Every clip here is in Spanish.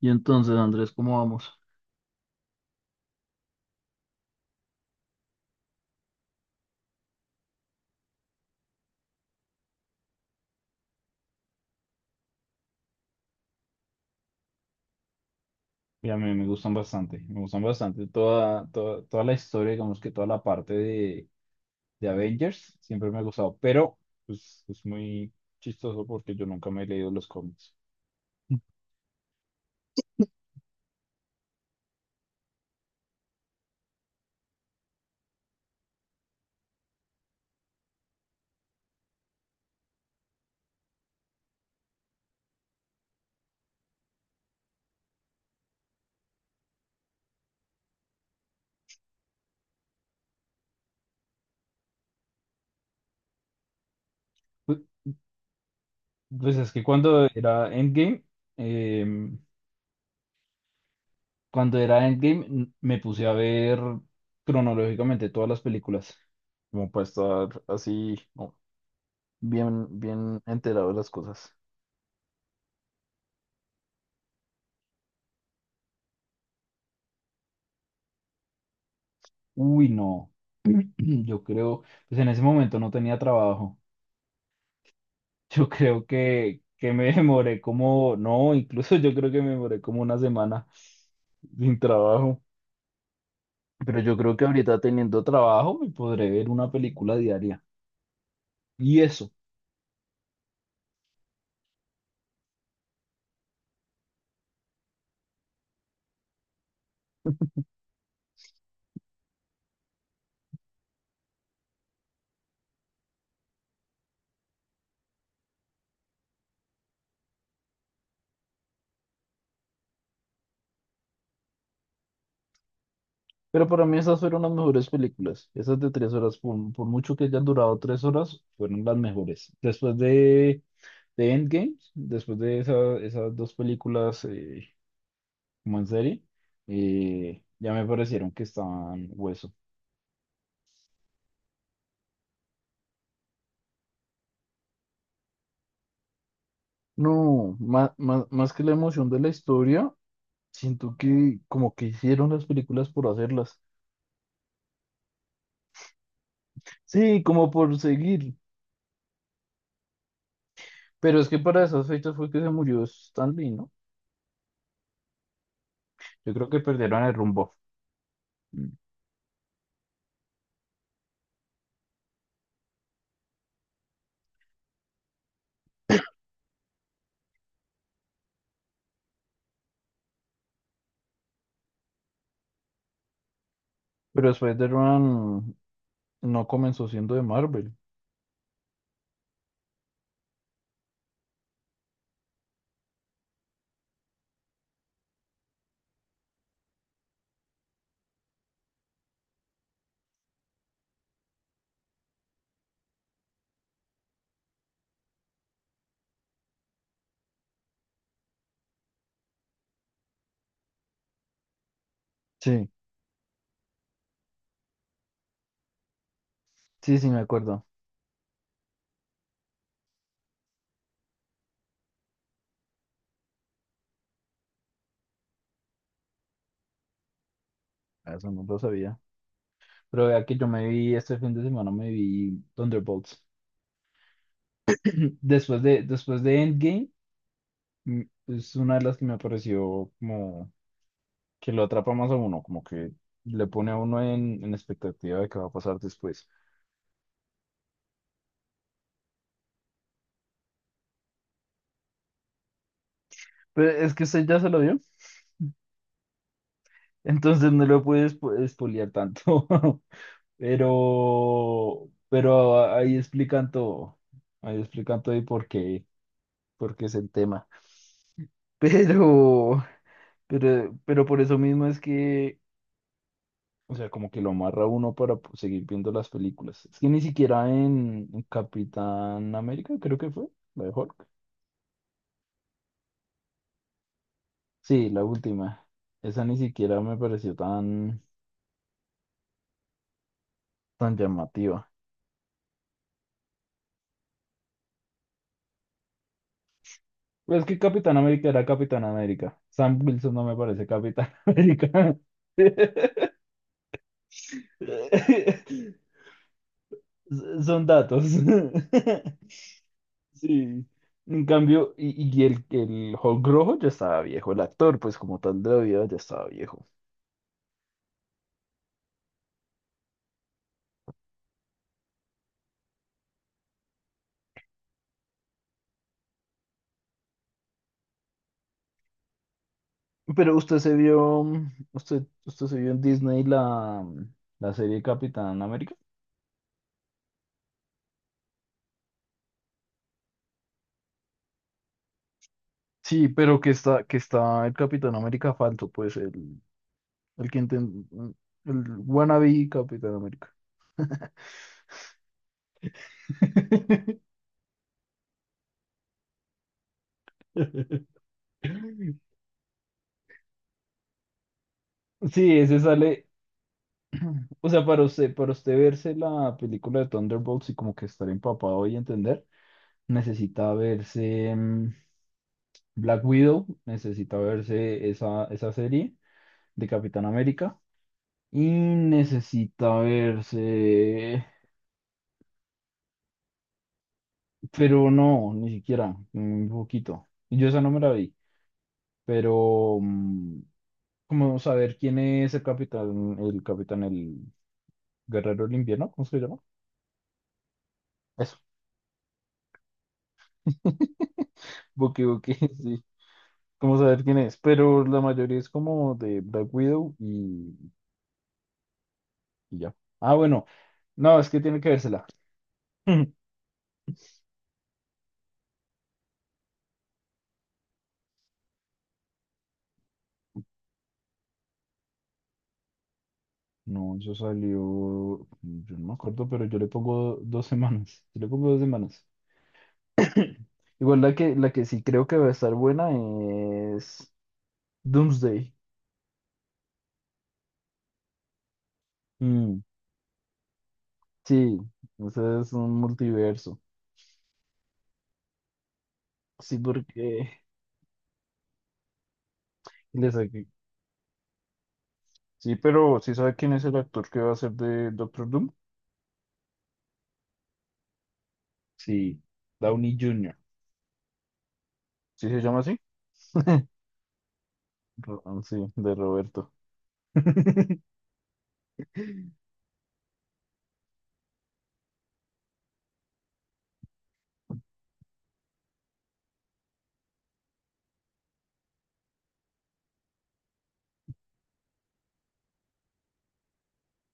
Y entonces, Andrés, ¿cómo vamos? Y a mí me gustan bastante toda, toda la historia, digamos que toda la parte de Avengers, siempre me ha gustado, pero pues, es muy chistoso porque yo nunca me he leído los cómics. Pues, pues es que cuando era Endgame, eh, cuando era me puse a ver cronológicamente todas las películas, como para estar así, no, bien enterado de las cosas. Uy, no. Yo creo, pues en ese momento no tenía trabajo. Yo creo que me demoré como, no, incluso yo creo que me demoré como una semana sin trabajo. Pero yo creo que ahorita teniendo trabajo me podré ver una película diaria. Y eso. Pero para mí esas fueron las mejores películas. Esas de tres horas, por mucho que hayan durado tres horas, fueron las mejores. Después de Endgame, después de esas dos películas, como en serie, ya me parecieron que estaban hueso. No, más que la emoción de la historia, siento que como que hicieron las películas por hacerlas. Sí, como por seguir. Pero es que para esas fechas fue que se murió Stan Lee, ¿no? Yo creo que perdieron el rumbo. Mm. Pero Spider-Man no comenzó siendo de Marvel. Sí, sí, sí, me acuerdo. Ah, eso no lo sabía. Pero vea que yo me vi este fin de semana, me vi Thunderbolts. Después de Endgame, mm, es una de las que me pareció como que lo atrapa más a uno, como que le pone a uno en expectativa de qué va a pasar después. Pero es que usted ya se lo vio, entonces no lo puede espolear tanto. Pero ahí explican todo y por qué es el tema. Pero, pero por eso mismo es que, o sea, como que lo amarra a uno para seguir viendo las películas. Es que ni siquiera en Capitán América, creo que fue, la de Hulk. Sí, la última. Esa ni siquiera me pareció tan, tan llamativa. Pues es que Capitán América era Capitán América. Sam Wilson no me parece Capitán América. Son datos. Sí. En cambio, y el Hulk rojo ya estaba viejo, el actor, pues como tal de la vida ya estaba viejo. Pero usted se vio, usted se vio en Disney la, la serie Capitán América. Sí, pero que está el Capitán América falso, pues el que el wannabe Capitán América. Sí, ese sale, o sea, para usted verse la película de Thunderbolts y como que estar empapado y entender, necesita verse Black Widow, necesita verse esa, esa serie de Capitán América y necesita verse, pero no, ni siquiera, un poquito. Yo esa no me la vi, pero mm, como saber quién es el capitán, el capitán, el guerrero del invierno, ¿cómo se llama? Eso, Bucky Bucky, sí, como saber quién es, pero la mayoría es como de Black Widow y ya. Ah, bueno, no, es que tiene que vérsela. No, eso salió, yo no me acuerdo, pero yo le pongo dos semanas. Yo le pongo dos semanas. Igual la que sí creo que va a estar buena es Doomsday. Mm, sí, ese es un multiverso. Sí, porque le saqué- sí, pero ¿sí sabe quién es el actor que va a ser de Doctor Doom? Sí, Downey Jr. ¿Sí se llama así? Sí, de Roberto.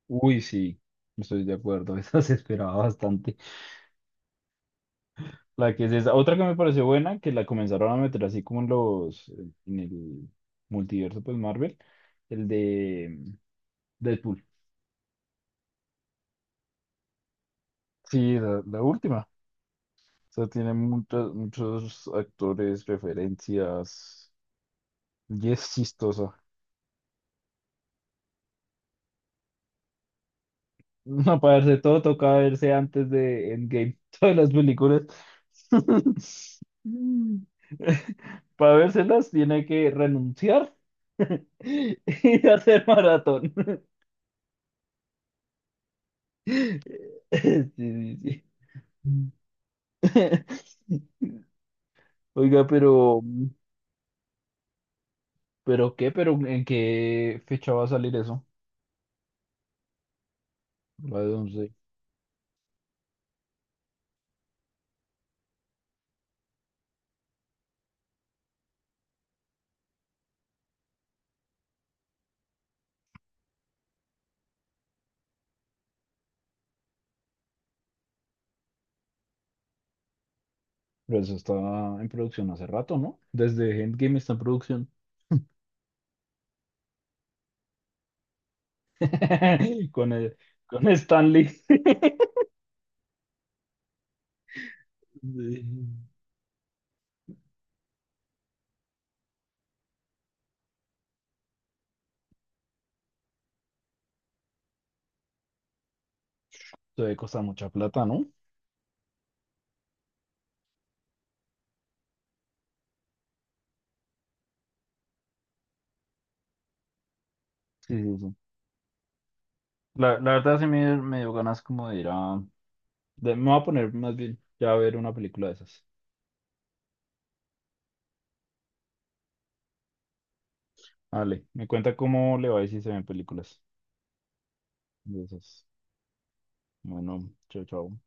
Uy, sí, estoy de acuerdo, eso se esperaba bastante. La que es esa. Otra que me pareció buena, que la comenzaron a meter así como en los, en el multiverso, pues Marvel, el de Deadpool. Sí, la última. O sea, tiene muchos, muchos actores, referencias, y es chistosa. No, para verse todo toca verse antes de Endgame, todas las películas. Para vérselas tiene que renunciar y hacer maratón. Sí, sí, sí. Mm. Oiga, pero qué, pero ¿en qué fecha va a salir eso? La de 11. Pero eso está en producción hace rato, ¿no? Desde Endgame está en producción. Con el, con Stanley. Se debe costar mucha plata, ¿no? Sí, sí, sí. La verdad sí me dio ganas como de ir a... de- me voy a poner más bien ya a ver una película de esas. Vale, me cuenta cómo le va y si se ven películas de esas. Bueno, chao, chao.